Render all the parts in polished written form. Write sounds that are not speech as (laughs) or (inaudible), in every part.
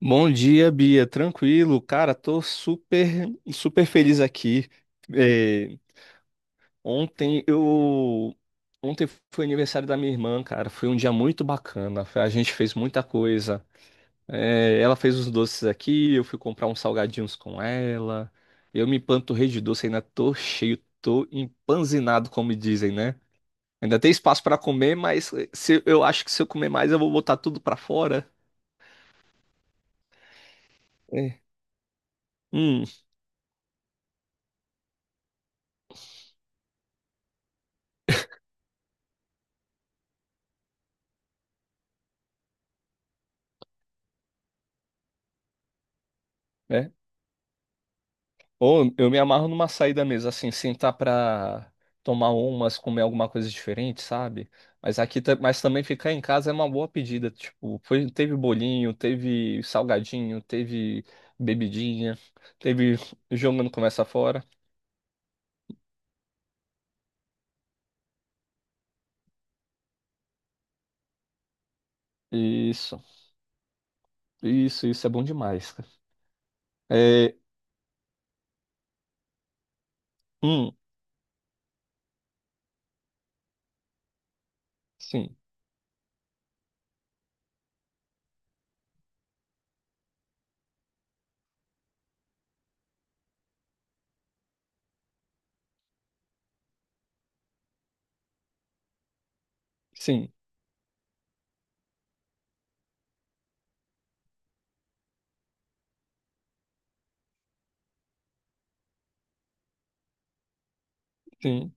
Bom dia, Bia. Tranquilo, cara, tô super, super feliz aqui. É, ontem eu, ontem foi aniversário da minha irmã, cara. Foi um dia muito bacana. A gente fez muita coisa. É, ela fez os doces aqui, eu fui comprar uns salgadinhos com ela. Eu me empanturrei de doce, ainda tô cheio, tô empanzinado, como dizem, né? Ainda tem espaço pra comer, mas se, eu acho que se eu comer mais, eu vou botar tudo pra fora. É. Hum. É. Ou eu me amarro numa saída mesmo, assim, sentar pra tomar umas, comer alguma coisa diferente, sabe? Mas aqui, também ficar em casa é uma boa pedida, tipo, foi, teve bolinho, teve salgadinho, teve bebidinha, teve jogando começa fora. Isso, isso é bom demais, cara. É, hum, sim, sim, sim,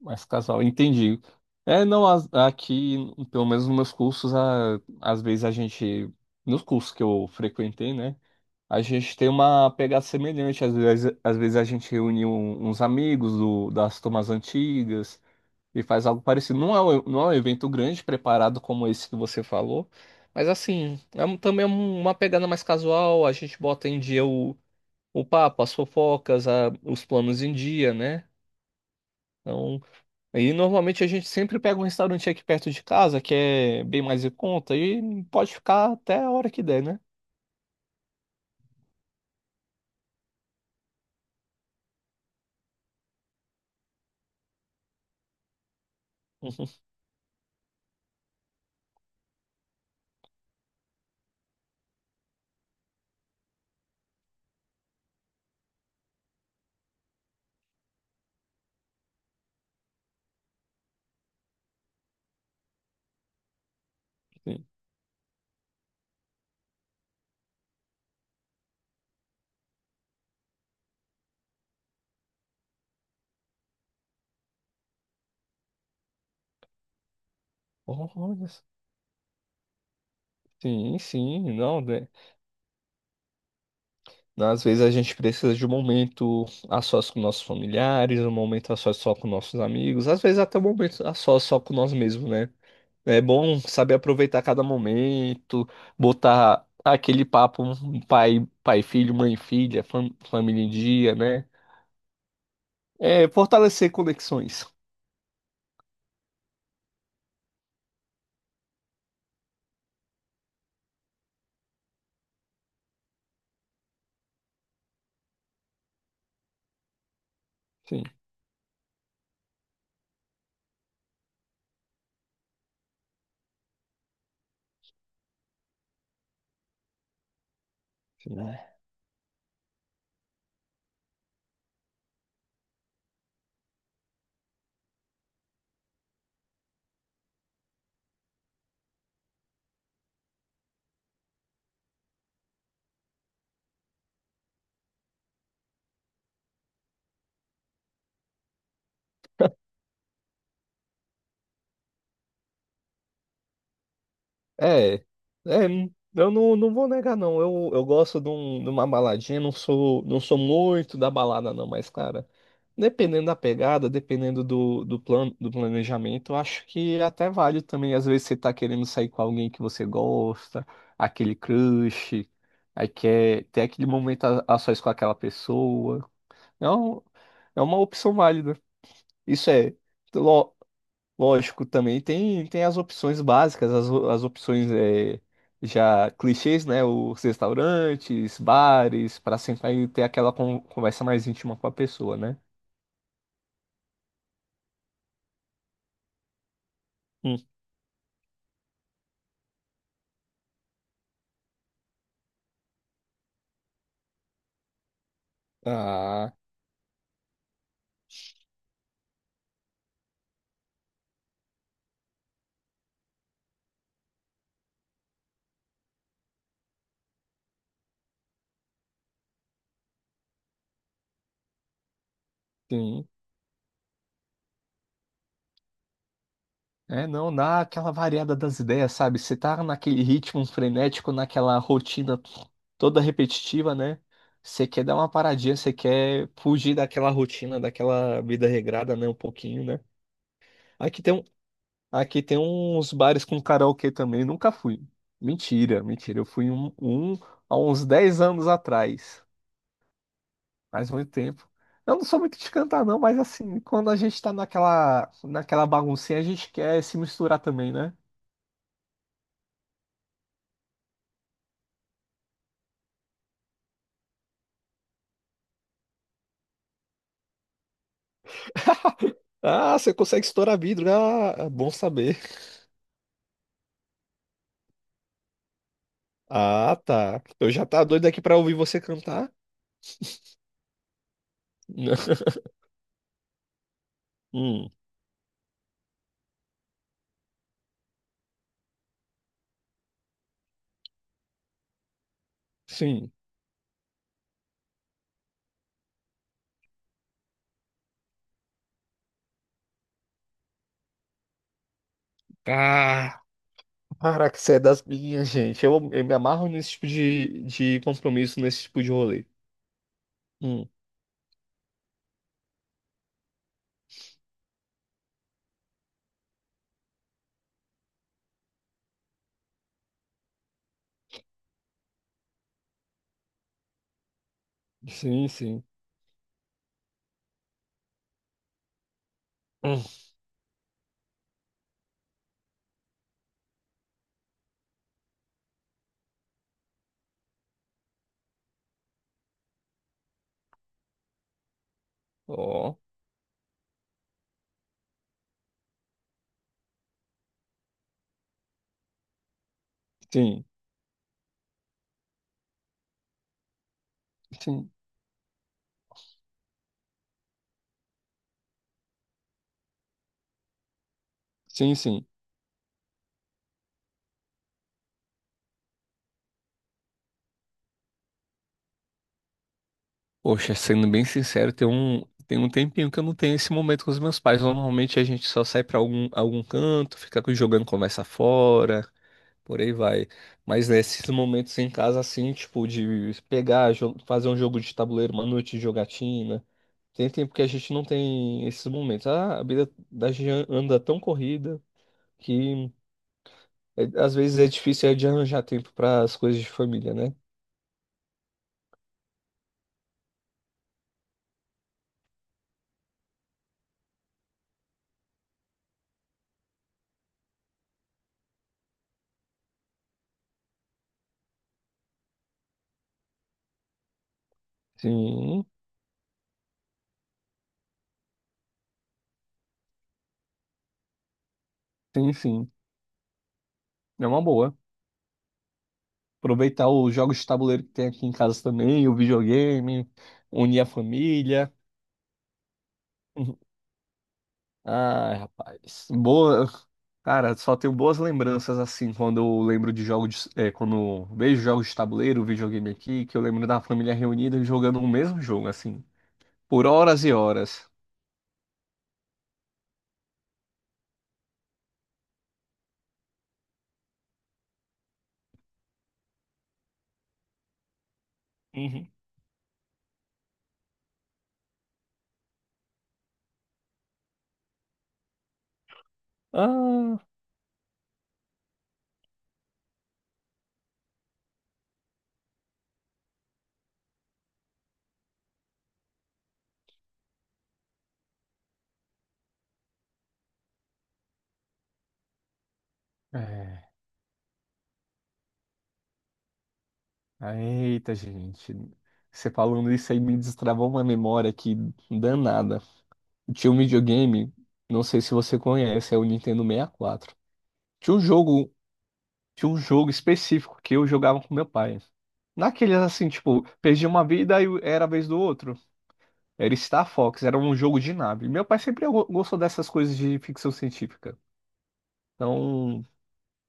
mas casal, entendi. É, não, aqui, pelo menos nos meus cursos, às vezes a gente, nos cursos que eu frequentei, né? A gente tem uma pegada semelhante, às vezes a gente reúne uns amigos das turmas antigas e faz algo parecido. Não é um evento grande preparado como esse que você falou, mas assim, também uma pegada mais casual, a gente bota em dia o papo, as fofocas, os planos em dia, né? Então, aí normalmente a gente sempre pega um restaurante aqui perto de casa, que é bem mais em conta, e pode ficar até a hora que der, né? (laughs) Sim. Olha. Sim, sim, não, né? Às vezes a gente precisa de um momento a sós com nossos familiares, um momento a sós só com nossos amigos, às vezes até um momento a sós só com nós mesmos, né? É bom saber aproveitar cada momento, botar aquele papo um pai, e filho, mãe, e filha, família em dia, né? É fortalecer conexões. Sim, sim. É, é, eu não vou negar, não. Eu gosto de uma baladinha, não sou muito da balada, não, mas, cara, dependendo da pegada, dependendo do plano, do planejamento, eu acho que até vale também. Às vezes você tá querendo sair com alguém que você gosta, aquele crush, aí quer ter aquele momento a sós com aquela pessoa. É. Não, é uma opção válida. Isso é. Lógico, também tem as opções básicas, as opções já clichês, né? Os restaurantes, bares, para sentar e ter aquela conversa mais íntima com a pessoa, né? Hum. Ah, sim. É, não, dá aquela variada das ideias, sabe? Você tá naquele ritmo frenético, naquela rotina toda repetitiva, né? Você quer dar uma paradinha, você quer fugir daquela rotina, daquela vida regrada, né? Um pouquinho, né? Aqui tem um, Aqui tem uns bares com karaokê também, nunca fui. Mentira, mentira. Eu fui em um há uns 10 anos atrás, faz muito tempo. Eu não sou muito de cantar, não, mas assim, quando a gente tá naquela, naquela baguncinha, a gente quer se misturar também, né? Ah, você consegue estourar vidro. Ah, é bom saber. Ah, tá. Eu já tá doido aqui pra ouvir você cantar. (laughs) Hum, sim. Ah, para que você é das minhas, gente. Eu me amarro nesse tipo de compromisso, nesse tipo de rolê. Hum. Sim, sim. Hum. Ó, sim, sim, sim, sim. Poxa, sendo bem sincero, tem um tempinho que eu não tenho esse momento com os meus pais. Normalmente a gente só sai pra algum canto, fica jogando conversa fora, por aí vai. Mas nesses momentos em casa, assim, tipo, de fazer um jogo de tabuleiro, uma noite de jogatina. Tem tempo que a gente não tem esses momentos. Ah, a vida da gente anda tão corrida que às vezes é difícil é de arranjar tempo para as coisas de família, né? Sim, sim, sim. É uma boa. Aproveitar os jogos de tabuleiro que tem aqui em casa também, o videogame, unir a família. (laughs) Uhum. Ai, rapaz. Boa. Cara, só tenho boas lembranças assim quando eu lembro de jogos de, quando eu vejo jogos de tabuleiro, videogame aqui, que eu lembro da família reunida jogando o mesmo jogo, assim, por horas e horas. Uhum. Ah, é. Ah, eita, gente. Você falando isso aí me destravou uma memória aqui danada. Tinha um videogame, não sei se você conhece, é o Nintendo 64. Tinha um jogo, tinha um jogo específico que eu jogava com meu pai. Naqueles assim, tipo, perdi uma vida e era a vez do outro. Era Star Fox, era um jogo de nave. Meu pai sempre gostou dessas coisas de ficção científica. Então,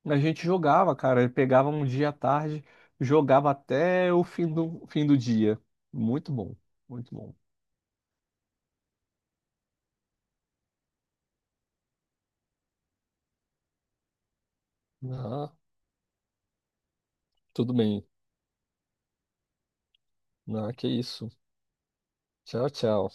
a gente jogava, cara, pegava um dia à tarde, jogava até o fim do dia. Muito bom, muito bom. Ah, tudo bem. Ah, que isso. Tchau, tchau.